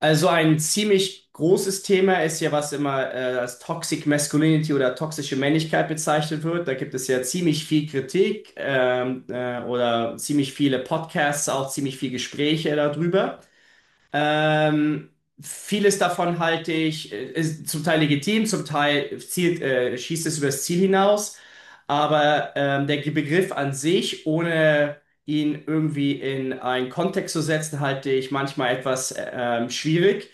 Also ein ziemlich großes Thema ist ja, was immer als Toxic Masculinity oder toxische Männlichkeit bezeichnet wird. Da gibt es ja ziemlich viel Kritik oder ziemlich viele Podcasts, auch ziemlich viel Gespräche darüber. Ähm, vieles davon halte ich, ist zum Teil legitim, zum Teil zielt, schießt es übers Ziel hinaus. Aber der Begriff an sich, ohne ihn irgendwie in einen Kontext zu setzen, halte ich manchmal etwas schwierig.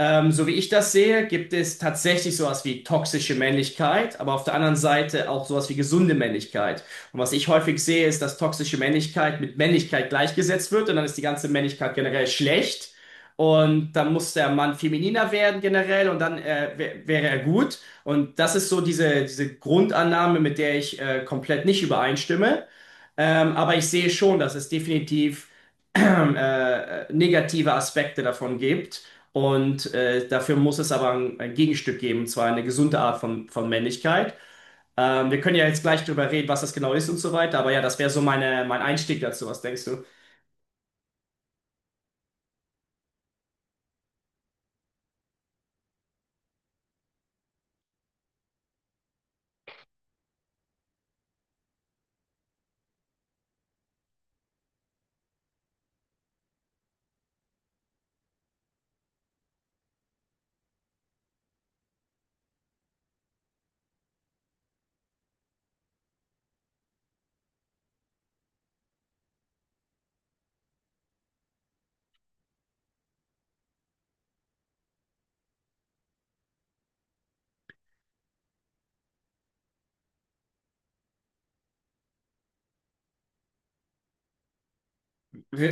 So wie ich das sehe, gibt es tatsächlich sowas wie toxische Männlichkeit, aber auf der anderen Seite auch sowas wie gesunde Männlichkeit. Und was ich häufig sehe, ist, dass toxische Männlichkeit mit Männlichkeit gleichgesetzt wird und dann ist die ganze Männlichkeit generell schlecht. Und dann muss der Mann femininer werden generell und dann wäre er gut. Und das ist so diese Grundannahme, mit der ich komplett nicht übereinstimme. Aber ich sehe schon, dass es definitiv negative Aspekte davon gibt. Und dafür muss es aber ein Gegenstück geben, und zwar eine gesunde Art von Männlichkeit. Wir können ja jetzt gleich drüber reden, was das genau ist und so weiter, aber ja, das wäre so mein Einstieg dazu. Was denkst du?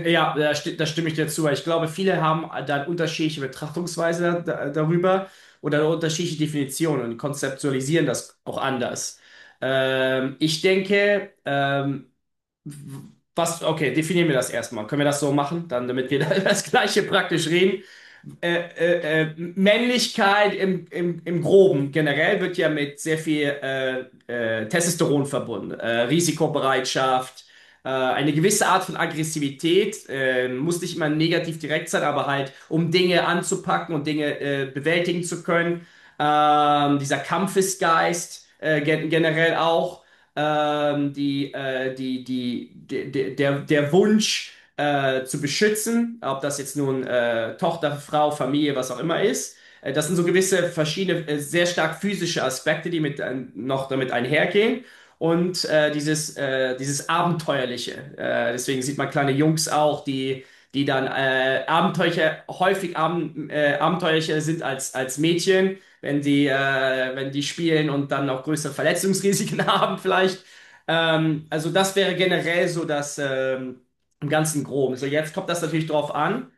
Ja, da stimme ich dir zu. Ich glaube, viele haben dann unterschiedliche Betrachtungsweise darüber oder eine unterschiedliche Definitionen und konzeptualisieren das auch anders. Ich denke, w- okay, definieren wir das erstmal. Können wir das so machen, dann, damit wir da über das Gleiche praktisch reden? Männlichkeit im Groben generell wird ja mit sehr viel Testosteron verbunden. Risikobereitschaft, eine gewisse Art von Aggressivität, muss nicht immer negativ direkt sein, aber halt, um Dinge anzupacken und Dinge bewältigen zu können. Dieser Kampfesgeist generell auch die, die, die, de, de, der, der Wunsch zu beschützen, ob das jetzt nun Tochter, Frau, Familie, was auch immer ist. Das sind so gewisse verschiedene, sehr stark physische Aspekte, die noch damit einhergehen. Und dieses Abenteuerliche. Deswegen sieht man kleine Jungs auch, die dann abenteuerlicher sind als Mädchen, wenn die spielen und dann auch größere Verletzungsrisiken haben vielleicht. Also das wäre generell so das im ganzen Groben. So jetzt kommt das natürlich drauf an,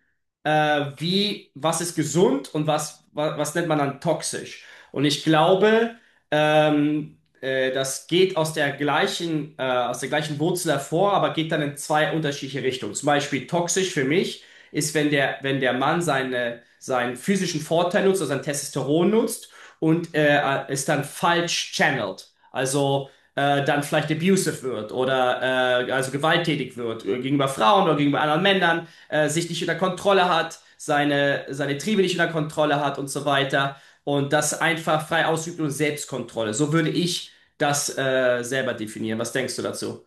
was ist gesund und was nennt man dann toxisch. Und ich glaube, ähm, das geht aus der gleichen Wurzel hervor, aber geht dann in zwei unterschiedliche Richtungen. Zum Beispiel toxisch für mich ist, wenn der Mann seinen physischen Vorteil nutzt, also sein Testosteron nutzt und es dann falsch channelt. Also dann vielleicht abusive wird oder also gewalttätig wird gegenüber Frauen oder gegenüber anderen Männern, sich nicht unter Kontrolle hat, seine Triebe nicht unter Kontrolle hat und so weiter und das einfach frei ausübt und Selbstkontrolle. So würde ich das selber definieren. Was denkst du dazu?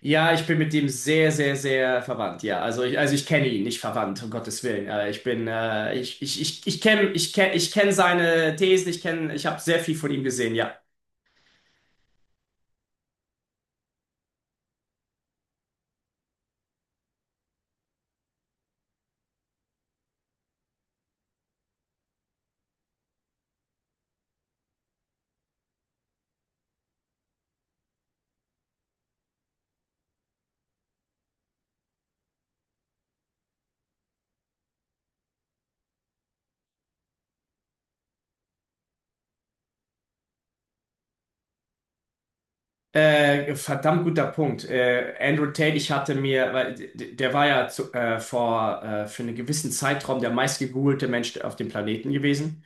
Ja, ich bin mit dem sehr, sehr, sehr verwandt. Ja, also ich kenne ihn nicht verwandt, um Gottes Willen. Ich kenne seine Thesen. Ich habe sehr viel von ihm gesehen. Ja. Verdammt guter Punkt. Andrew Tate, ich hatte mir, weil der war ja zu, vor für einen gewissen Zeitraum der meistgegoogelte Mensch auf dem Planeten gewesen.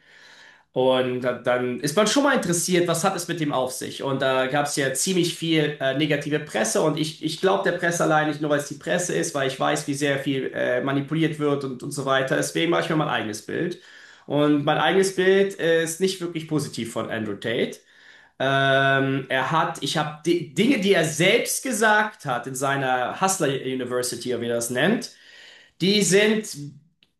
Und dann ist man schon mal interessiert, was hat es mit dem auf sich? Und da gab es ja ziemlich viel negative Presse und ich glaube der Presse allein nicht nur, weil es die Presse ist, weil ich weiß, wie sehr viel manipuliert wird und so weiter. Deswegen mache ich mir mein eigenes Bild. Und mein eigenes Bild ist nicht wirklich positiv von Andrew Tate. Ich habe Dinge, die er selbst gesagt hat in seiner Hustler University, oder wie er das nennt, die sind,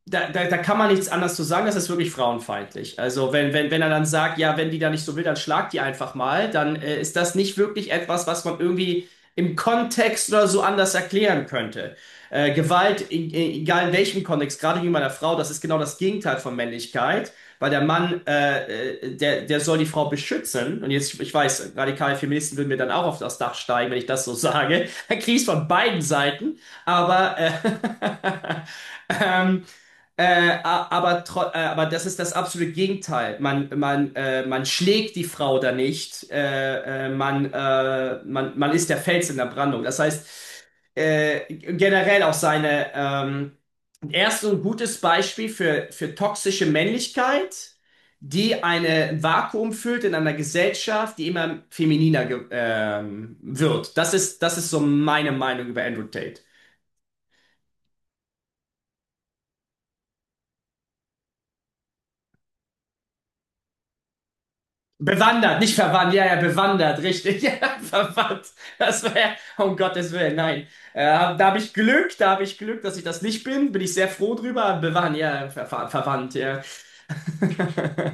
da, da, da kann man nichts anderes zu sagen, das ist wirklich frauenfeindlich. Also wenn er dann sagt, ja, wenn die da nicht so will, dann schlag die einfach mal, dann ist das nicht wirklich etwas, was man irgendwie im Kontext oder so anders erklären könnte. Gewalt, egal in welchem Kontext, gerade wie bei einer Frau, das ist genau das Gegenteil von Männlichkeit, weil der Mann, der soll die Frau beschützen. Und jetzt, ich weiß, radikale Feministen würden mir dann auch auf das Dach steigen, wenn ich das so sage. Dann krieg ich's von beiden Seiten. Aber, äh, ähm, aber das ist das absolute Gegenteil. Man schlägt die Frau da nicht. Man ist der Fels in der Brandung. Das heißt, generell auch seine, erst so ein gutes Beispiel für toxische Männlichkeit, die eine Vakuum füllt in einer Gesellschaft, die immer femininer ge wird. Das ist so meine Meinung über Andrew Tate. Bewandert, nicht verwandt, ja, ja, bewandert, richtig, ja, verwandt. Das wäre, um Gottes Willen, nein. Äh, da habe ich Glück, da habe ich Glück, dass ich das nicht bin, bin ich sehr froh drüber. Bewandt, ja, verwandt, ja.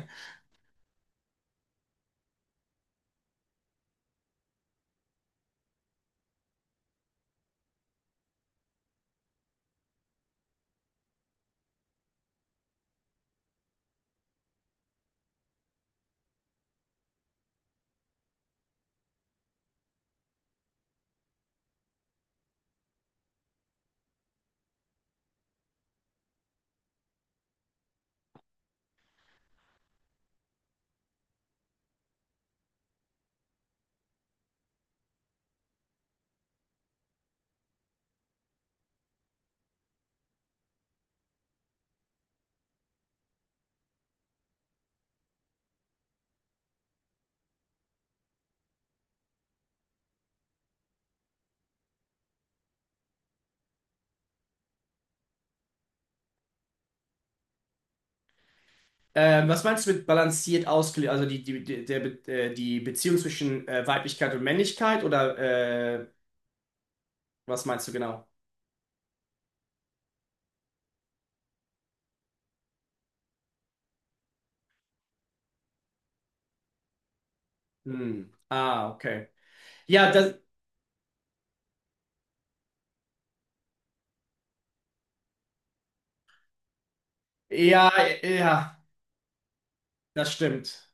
Was meinst du mit balanciert ausgelegt? Also die Beziehung zwischen Weiblichkeit und Männlichkeit oder äh, was meinst du genau? Hm. Ah, okay. Ja, das, ja, ja, das stimmt.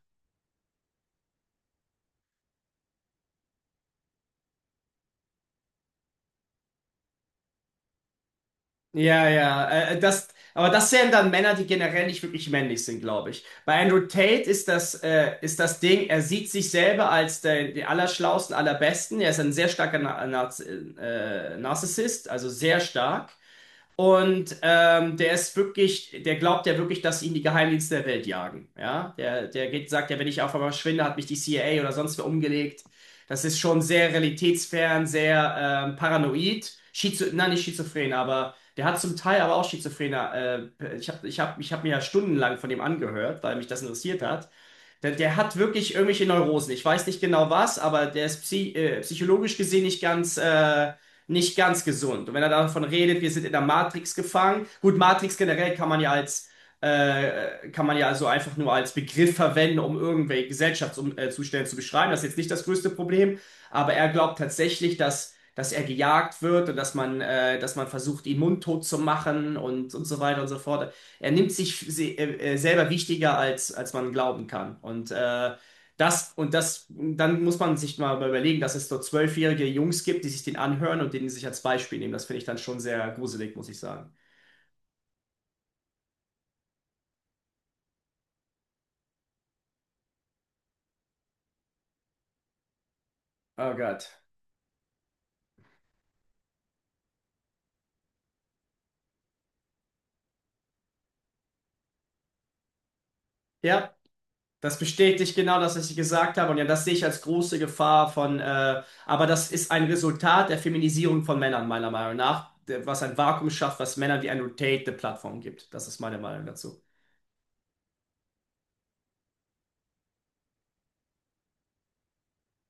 Ja, ja, aber das wären dann Männer, die generell nicht wirklich männlich sind, glaube ich. Bei Andrew Tate ist das Ding, er sieht sich selber als den Allerschlausten, Allerbesten. Er ist ein sehr starker Narzissist, also sehr stark. Und der glaubt ja wirklich, dass ihn die Geheimdienste der Welt jagen. Ja, sagt ja, wenn ich auf einmal verschwinde, hat mich die CIA oder sonst wer umgelegt. Das ist schon sehr realitätsfern, sehr paranoid. Schizo Nein, nicht schizophren, aber der hat zum Teil aber auch schizophrene. Ich hab mir ja stundenlang von dem angehört, weil mich das interessiert hat. Der hat wirklich irgendwelche Neurosen. Ich weiß nicht genau was, aber der ist psychologisch gesehen nicht ganz gesund. Und wenn er davon redet, wir sind in der Matrix gefangen. Gut, Matrix generell kann man ja also einfach nur als Begriff verwenden, um irgendwelche Gesellschaftszustände zu beschreiben. Das ist jetzt nicht das größte Problem. Aber er glaubt tatsächlich, dass er gejagt wird und dass man versucht, ihn mundtot zu machen und so weiter und so fort. Er nimmt sich selber wichtiger, als man glauben kann. Und dann muss man sich mal überlegen, dass es dort zwölfjährige Jungs gibt, die sich den anhören und den sich als Beispiel nehmen. Das finde ich dann schon sehr gruselig, muss ich sagen. Oh Gott. Ja, das bestätigt genau das, was ich gesagt habe. Und ja, das sehe ich als große Gefahr aber das ist ein Resultat der Feminisierung von Männern, meiner Meinung nach, was ein Vakuum schafft, was Männern wie Andrew Tate eine Plattform gibt. Das ist meine Meinung dazu.